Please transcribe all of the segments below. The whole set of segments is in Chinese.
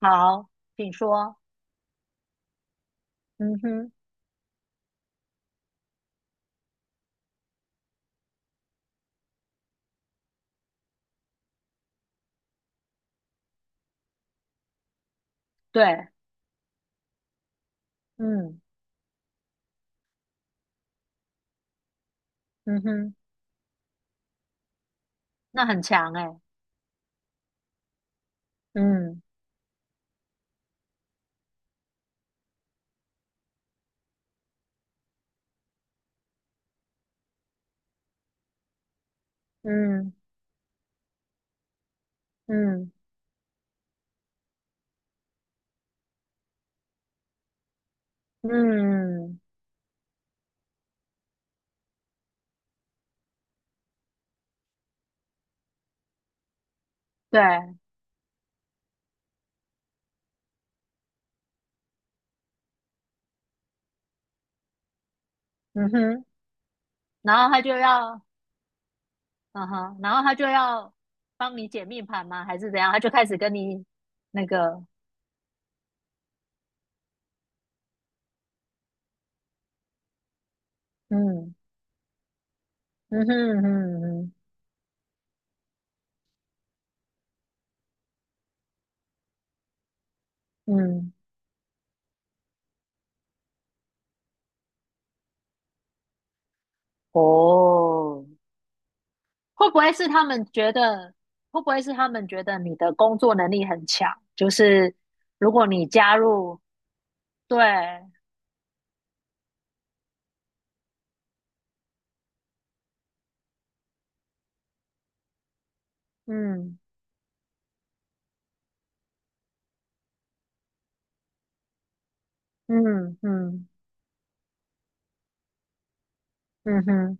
好，请说。嗯哼，对，嗯嗯哼，那很强哎。嗯嗯嗯嗯，对，嗯哼，然后他就要，然后他就要帮你解命盘吗？还是怎样？他就开始跟你那个，嗯嗯哼嗯嗯嗯，哦，会不会是他们觉得，会不会是他们觉得你的工作能力很强？就是如果你加入，对。嗯嗯嗯嗯哼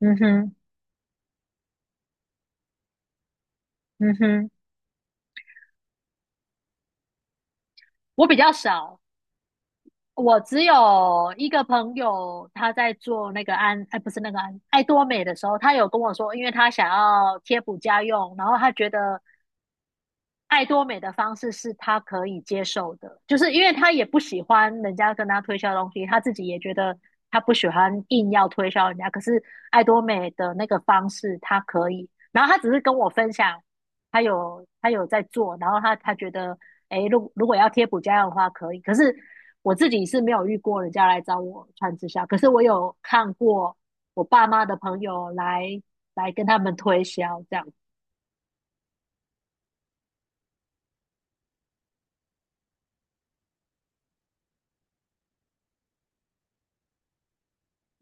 嗯哼嗯哼，我比较少，我只有一个朋友，他在做那个安，哎，不是那个安，爱多美的时候，他有跟我说，因为他想要贴补家用，然后他觉得爱多美的方式是他可以接受的，就是因为他也不喜欢人家跟他推销东西，他自己也觉得他不喜欢硬要推销人家。可是爱多美的那个方式他可以，然后他只是跟我分享，他有在做，然后他觉得，诶，如果要贴补家用的话可以。可是我自己是没有遇过人家来找我穿直销，可是我有看过我爸妈的朋友来跟他们推销这样，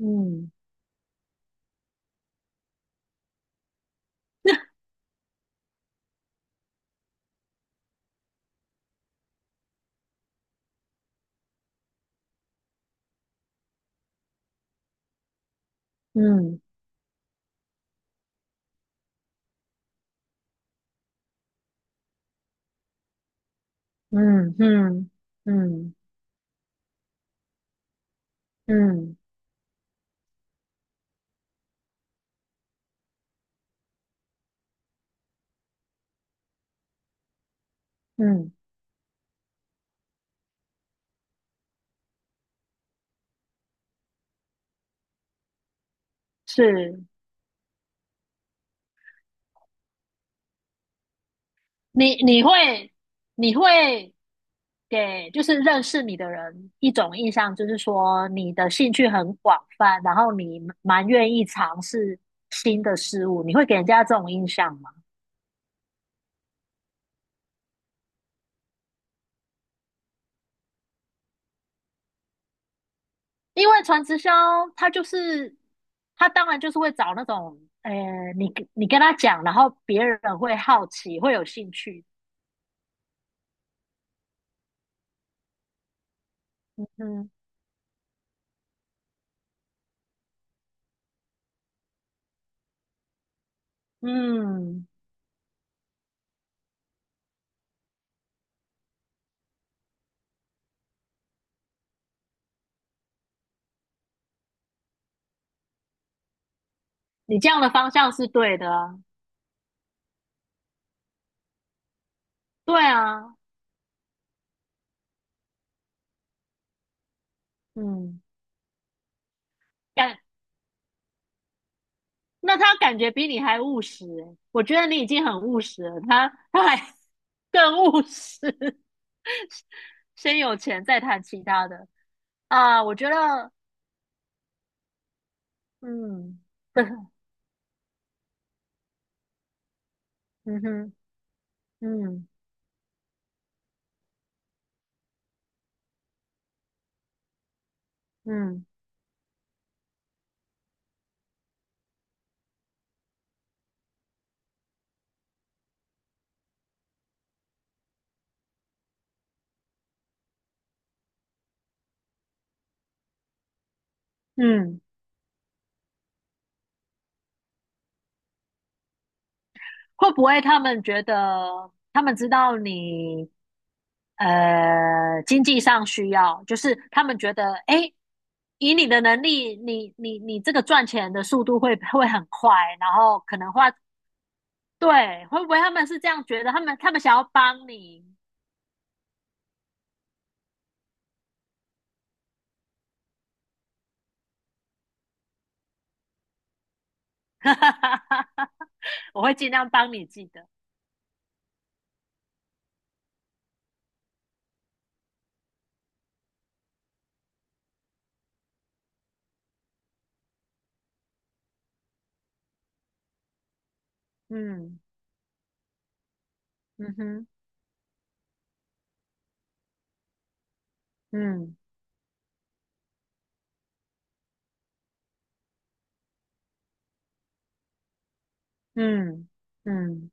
嗯嗯。嗯嗯嗯嗯嗯，是你你会你会给就是认识你的人一种印象，就是说你的兴趣很广泛，然后你蛮愿意尝试新的事物，你会给人家这种印象吗？因为传直销，他就是他当然就是会找那种，你跟他讲，然后别人会好奇，会有兴趣。嗯嗯，你这样的方向是对的啊。对啊，嗯，感，那他感觉比你还务实欸，我觉得你已经很务实了，他还 更务实，先有钱再谈其他的啊，我觉得，嗯，嗯哼，嗯嗯嗯，会不会他们觉得他们知道你经济上需要，就是他们觉得诶，以你的能力，你这个赚钱的速度会很快，然后可能花对，会不会他们是这样觉得？他们想要帮你，我会尽量帮你记得。嗯嗯哼，嗯嗯嗯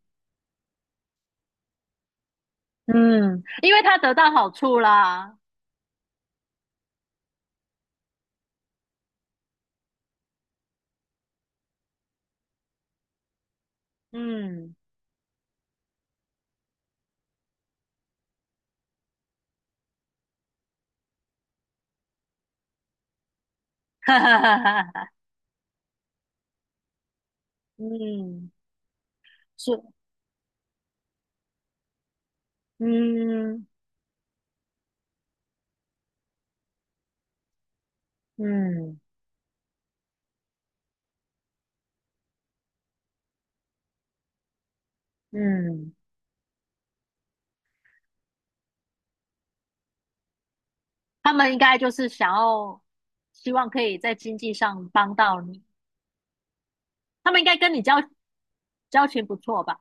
嗯，因为他得到好处啦。嗯，嗯，是，嗯嗯嗯，他们应该就是想要，希望可以在经济上帮到你。他们应该跟你交情不错吧？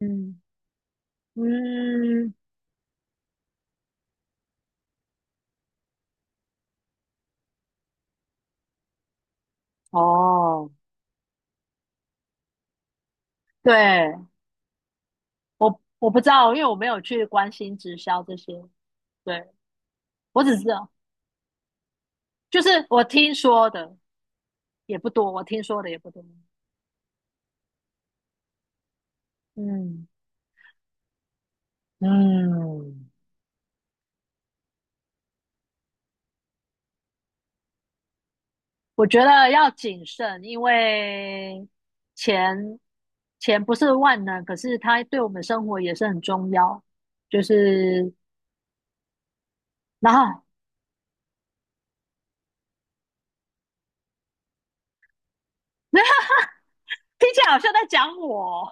嗯嗯，哦。对，我我不知道，因为我没有去关心直销这些。对，我只知道，就是我听说的我听说的也不多。嗯，嗯，我觉得要谨慎，因为钱钱不是万能，可是它对我们生活也是很重要。就是，然后听起来好像在讲我，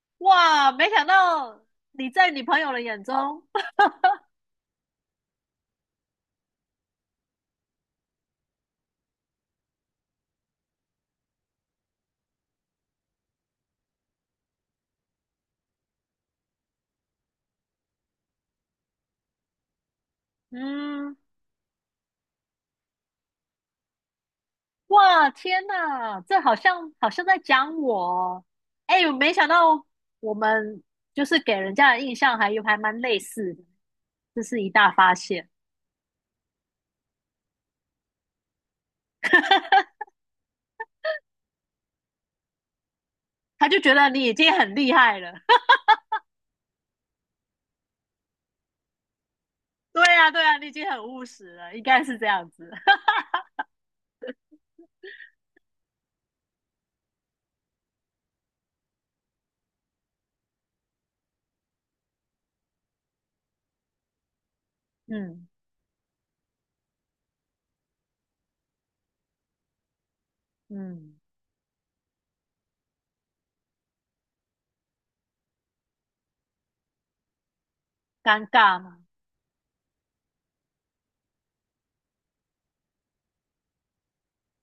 哇，没想到你在你朋友的眼中，嗯。哇，天呐，这好像在讲我哦。哎，我没想到我们就是给人家的印象还蛮类似的，这是一大发现。他就觉得你已经很厉害了。对呀，对呀，你已经很务实了，应该是这样子。嗯嗯，尴尬嘛。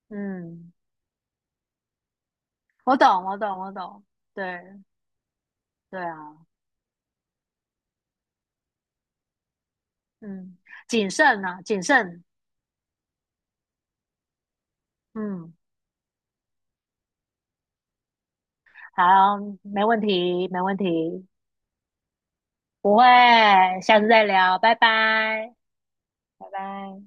嗯，我懂，我懂，我懂。对对啊，嗯，谨慎啊，谨慎。嗯，好，没问题，没问题。不会，下次再聊，拜拜。拜拜。